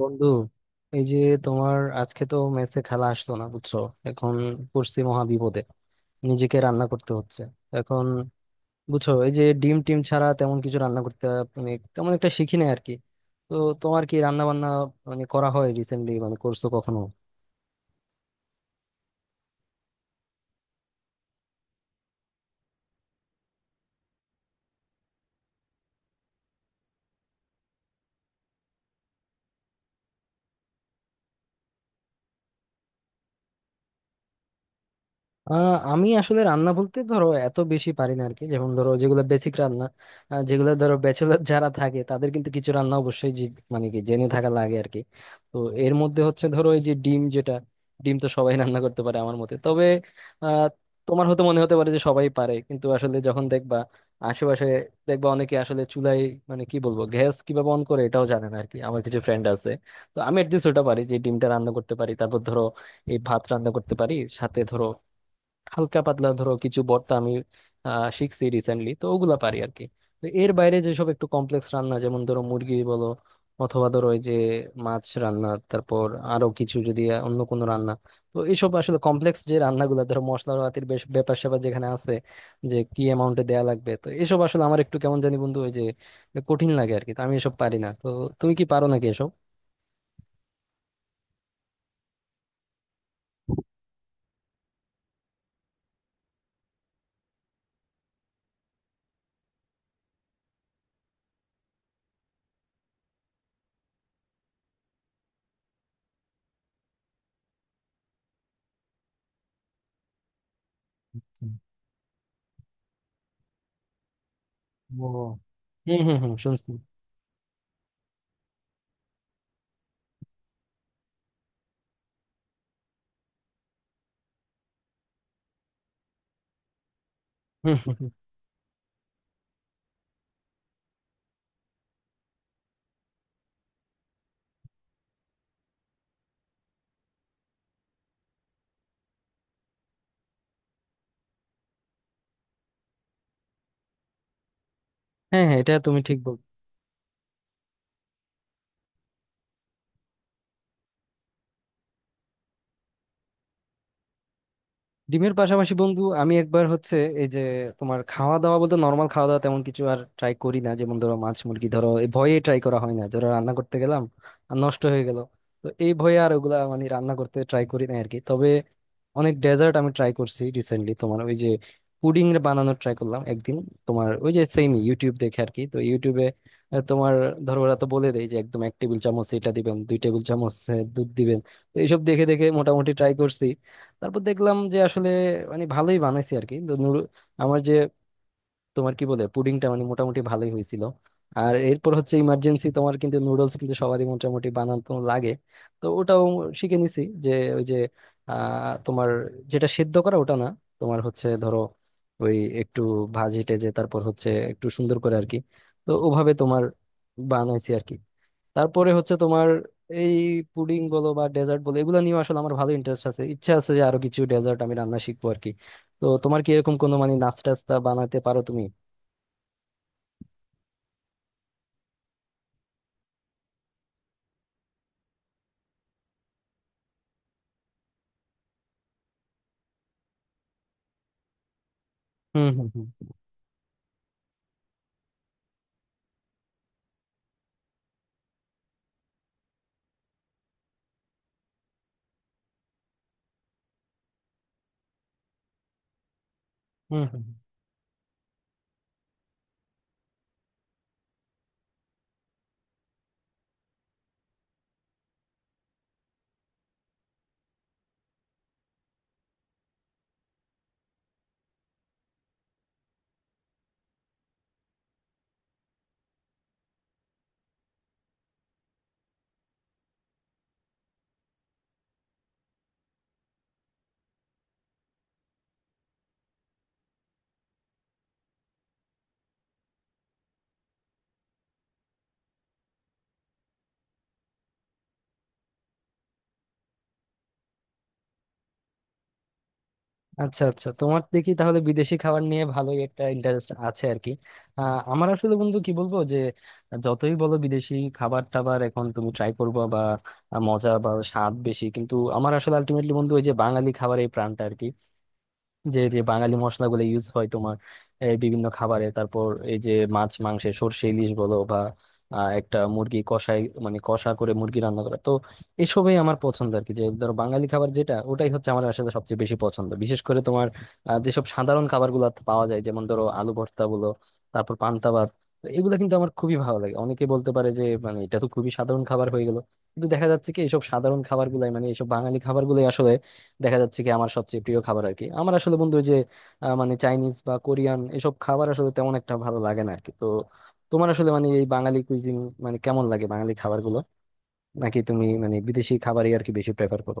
বন্ধু, এই যে তোমার আজকে তো মেসে খেলা আসলো না, বুঝছো। এখন পড়ছি মহা বিপদে, নিজেকে রান্না করতে হচ্ছে এখন। বুঝছো, এই যে ডিম টিম ছাড়া তেমন কিছু রান্না করতে মানে তেমন একটা শিখিনি আর কি। তো তোমার কি রান্না বান্না মানে করা হয় রিসেন্টলি, মানে করছো কখনো? আমি আসলে রান্না বলতে ধরো এত বেশি পারি না আরকি। যেমন ধরো যেগুলো বেসিক রান্না, যেগুলো ধরো ব্যাচেলার যারা থাকে তাদের কিন্তু কিছু রান্না অবশ্যই মানে কি জেনে থাকা লাগে আর কি। তো এর মধ্যে হচ্ছে ধরো এই যে ডিম, যেটা ডিম তো সবাই রান্না করতে পারে আমার মতে। তবে আহ তোমার হয়তো মনে হতে পারে যে সবাই পারে, কিন্তু আসলে যখন দেখবা আশেপাশে, দেখবা অনেকে আসলে চুলায় মানে কি বলবো গ্যাস কিভাবে অন করে এটাও জানে না আর কি। আমার কিছু ফ্রেন্ড আছে। তো আমি একদিন ওটা পারি, যে ডিমটা রান্না করতে পারি, তারপর ধরো এই ভাত রান্না করতে পারি, সাথে ধরো হালকা পাতলা ধরো কিছু ভর্তা আমি শিখছি রিসেন্টলি, তো ওগুলা পারি আর কি। তো এর বাইরে যেসব একটু কমপ্লেক্স রান্না, যেমন ধরো মুরগি বলো অথবা ধরো ওই যে মাছ রান্না, তারপর আরো কিছু যদি অন্য কোনো রান্না, তো এইসব আসলে কমপ্লেক্স যে রান্নাগুলো ধরো মশলাপাতির বেশ ব্যাপার স্যাপার যেখানে আছে যে কি অ্যামাউন্টে দেয়া লাগবে, তো এসব আসলে আমার একটু কেমন জানি বন্ধু, ওই যে কঠিন লাগে আর কি। তো আমি এসব পারি না। তো তুমি কি পারো নাকি এসব? ও, হুম হুম হুম, শুনছি। হুম, হুম, হুম। হ্যাঁ হ্যাঁ, এটা তুমি ঠিক। ডিমের পাশাপাশি বন্ধু আমি একবার হচ্ছে এই যে তোমার খাওয়া দাওয়া বলতে নর্মাল খাওয়া দাওয়া তেমন কিছু আর ট্রাই করি না। যেমন ধরো মাছ মুরগি ধরো এই ভয়ে ট্রাই করা হয় না, ধরো রান্না করতে গেলাম আর নষ্ট হয়ে গেল। তো এই ভয়ে আর ওগুলা মানে রান্না করতে ট্রাই করি না আর কি। তবে অনেক ডেজার্ট আমি ট্রাই করছি রিসেন্টলি, তোমার ওই যে পুডিং বানানো ট্রাই করলাম একদিন, তোমার ওই যে সেম ইউটিউব দেখে আর কি। তো ইউটিউবে তোমার ধরো ওরা তো বলে দেয় যে একদম এক টেবিল চামচ এটা দিবেন, দুই টেবিল চামচ দুধ দিবেন। তো এইসব দেখে দেখে মোটামুটি ট্রাই করছি। তারপর দেখলাম যে আসলে মানে ভালোই বানাইছি আর কি। তো আমার যে তোমার কি বলে পুডিংটা মানে মোটামুটি ভালোই হয়েছিল। আর এরপর হচ্ছে ইমার্জেন্সি, তোমার কিন্তু নুডলস কিন্তু সবারই মোটামুটি বানানো লাগে। তো ওটাও শিখে নিছি যে ওই যে তোমার যেটা সেদ্ধ করা ওটা না, তোমার হচ্ছে ধরো ওই একটু ভাজি টেজে, তারপর হচ্ছে একটু সুন্দর করে আর কি। তো ওভাবে তোমার বানাইছি আর কি। তারপরে হচ্ছে তোমার এই পুডিং বলো বা ডেজার্ট বলো এগুলো নিয়ে আসলে আমার ভালো ইন্টারেস্ট আছে, ইচ্ছা আছে যে আরো কিছু ডেজার্ট আমি রান্না শিখবো আর কি। তো তোমার কি এরকম কোনো মানে নাস্তা টাস্তা বানাতে পারো তুমি? হুম হুম হুম। হুম হুম হুম। আচ্ছা আচ্ছা, তোমার দেখি তাহলে বিদেশি খাবার নিয়ে ভালোই একটা ইন্টারেস্ট আছে আর কি। আমার আসলে বন্ধু কি বলবো যে যতই বলো বিদেশি খাবার টাবার এখন তুমি ট্রাই করবো বা মজা বা স্বাদ বেশি, কিন্তু আমার আসলে আলটিমেটলি বন্ধু ওই যে বাঙালি খাবারের এই প্রাণটা আর কি। যে যে বাঙালি মশলাগুলো ইউজ হয় তোমার এই বিভিন্ন খাবারে, তারপর এই যে মাছ মাংসে সর্ষে ইলিশ বলো বা একটা মুরগি কষাই মানে কষা করে মুরগি রান্না করা, তো এসবই আমার পছন্দ আর কি। যে ধরো বাঙালি খাবার যেটা ওটাই হচ্ছে আমার আসলে সবচেয়ে বেশি পছন্দ, বিশেষ করে তোমার যেসব সাধারণ খাবারগুলো পাওয়া যায়, যেমন ধরো আলু ভর্তা বলো, তারপর পান্তা ভাত, তো এগুলো কিন্তু আমার খুবই ভালো লাগে। অনেকে বলতে পারে যে মানে এটা তো খুবই সাধারণ খাবার হয়ে গেল, কিন্তু দেখা যাচ্ছে কি এইসব সাধারণ খাবারগুলাই মানে এইসব বাঙালি খাবারগুলাই আসলে দেখা যাচ্ছে কি আমার সবচেয়ে প্রিয় খাবার আর কি। আমার আসলে বন্ধু ওই যে মানে চাইনিজ বা কোরিয়ান এসব খাবার আসলে তেমন একটা ভালো লাগে না আর কি। তো তোমার আসলে মানে এই বাঙালি কুইজিন মানে কেমন লাগে, বাঙালি খাবারগুলো? নাকি তুমি মানে বিদেশি খাবারই আর কি বেশি প্রেফার করো?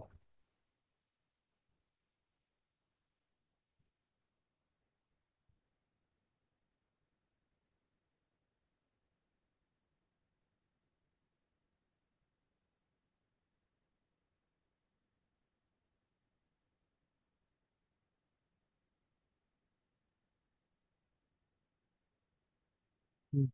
হুম,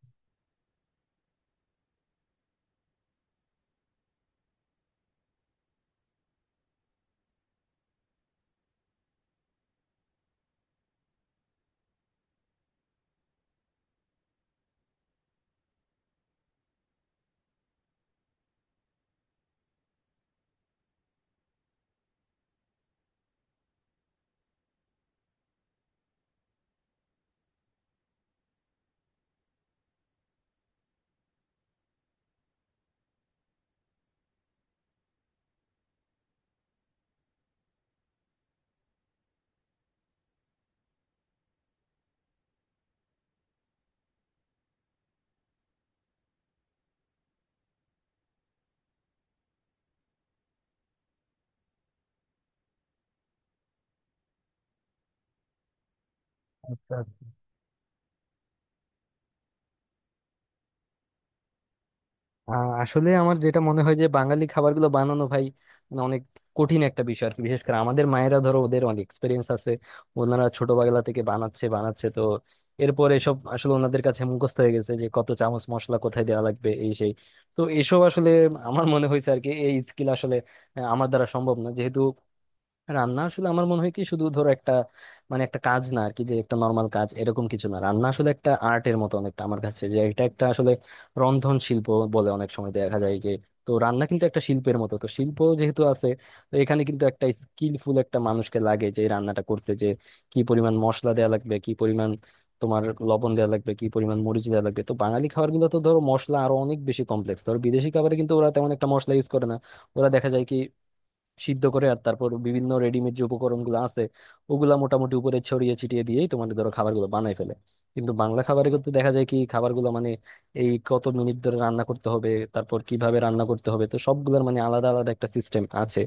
আচ্ছা আচ্ছা। আসলে আমার যেটা মনে হয় যে বাঙালি খাবারগুলো বানানো ভাই মানে অনেক কঠিন একটা বিষয় আর কি। বিশেষ করে আমাদের মায়েরা ধরো ওদের অনেক এক্সপিরিয়েন্স আছে, ওনারা ছোটবেলা থেকে বানাচ্ছে বানাচ্ছে, তো এরপর এসব আসলে ওনাদের কাছে মুখস্থ হয়ে গেছে যে কত চামচ মশলা কোথায় দেওয়া লাগবে, এই সেই। তো এসব আসলে আমার মনে হয়েছে আর কি এই স্কিল আসলে আমার দ্বারা সম্ভব না, যেহেতু রান্না আসলে আমার মনে হয় কি শুধু ধরো একটা মানে একটা কাজ না আর কি, যে একটা নর্মাল কাজ এরকম কিছু না। রান্না আসলে একটা আর্টের মতো অনেকটা আমার কাছে, যে এটা একটা আসলে রন্ধন শিল্প বলে অনেক সময় দেখা যায় যে। তো রান্না কিন্তু একটা শিল্পের মতো, তো শিল্প যেহেতু আছে তো এখানে কিন্তু একটা স্কিলফুল একটা মানুষকে লাগে যে এই রান্নাটা করতে, যে কি পরিমাণ মশলা দেওয়া লাগবে, কি পরিমাণ তোমার লবণ দেওয়া লাগবে, কি পরিমাণ মরিচ দেওয়া লাগবে। তো বাঙালি খাবার গুলো তো ধরো মশলা আরো অনেক বেশি কমপ্লেক্স, ধরো বিদেশি খাবারে কিন্তু ওরা তেমন একটা মশলা ইউজ করে না। ওরা দেখা যায় কি সিদ্ধ করে আর তারপর বিভিন্ন রেডিমেড যে উপকরণগুলো আছে ওগুলা মোটামুটি উপরে ছড়িয়ে ছিটিয়ে দিয়েই তোমার ধরো খাবারগুলো বানায় ফেলে। কিন্তু বাংলা খাবারের ক্ষেত্রে দেখা যায় কি খাবারগুলো মানে এই কত মিনিট ধরে রান্না করতে হবে, তারপর কিভাবে রান্না করতে হবে, তো সবগুলোর মানে আলাদা আলাদা একটা সিস্টেম আছে।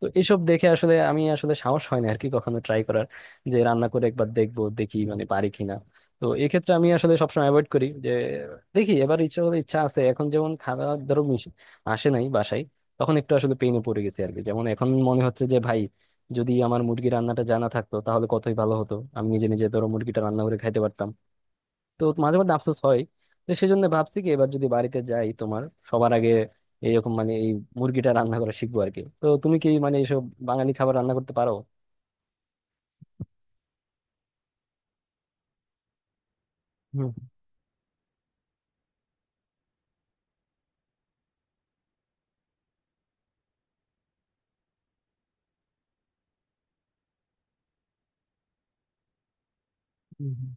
তো এসব দেখে আসলে আমি আসলে সাহস হয় না আর কি কখনো ট্রাই করার, যে রান্না করে একবার দেখবো দেখি মানে পারি কিনা। তো এক্ষেত্রে আমি আসলে সবসময় অ্যাভয়েড করি যে দেখি, এবার ইচ্ছা হলে ইচ্ছা আছে। এখন যেমন খাওয়া ধরো আসে নাই বাসায়, তখন একটু আসলে পেইনে পড়ে গেছি আর কি। যেমন এখন মনে হচ্ছে যে ভাই যদি আমার মুরগি রান্নাটা জানা থাকতো তাহলে কতই ভালো হতো, আমি নিজে নিজে ধরো মুরগিটা রান্না করে খাইতে পারতাম। তো মাঝে মধ্যে আফসোস হয়। তো সেই জন্য ভাবছি কি এবার যদি বাড়িতে যাই তোমার সবার আগে এরকম মানে এই মুরগিটা রান্না করা শিখবো আর কি। তো তুমি কি মানে এইসব বাঙালি খাবার রান্না করতে পারো? হুম, হুম, হুম।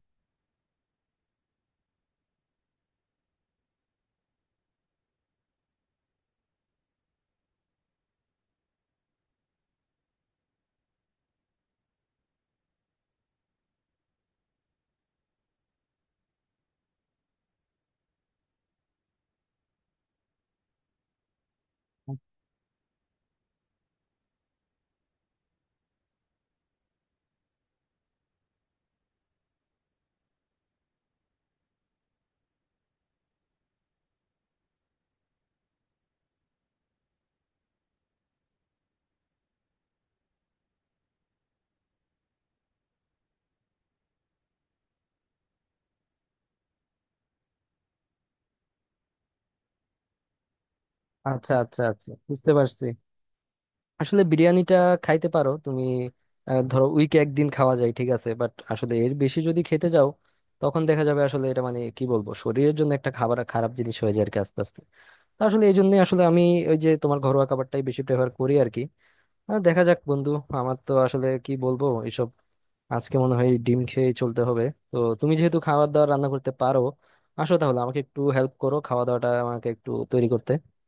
আচ্ছা আচ্ছা আচ্ছা, বুঝতে পারছি। আসলে বিরিয়ানিটা খাইতে পারো তুমি ধরো উইকে একদিন খাওয়া যায়, ঠিক আছে, বাট আসলে এর বেশি যদি খেতে যাও তখন দেখা যাবে আসলে এটা মানে কি বলবো শরীরের জন্য একটা খাবার খারাপ জিনিস হয়ে যায় আর কি আস্তে আস্তে। তো আসলে এই জন্যই আসলে আমি ওই যে তোমার ঘরোয়া খাবারটাই বেশি প্রেফার করি আর কি। দেখা যাক বন্ধু, আমার তো আসলে কি বলবো এসব আজকে মনে হয় ডিম খেয়ে চলতে হবে। তো তুমি যেহেতু খাবার দাবার রান্না করতে পারো, আসো তাহলে আমাকে একটু হেল্প করো, খাওয়া দাওয়াটা আমাকে একটু তৈরি করতে।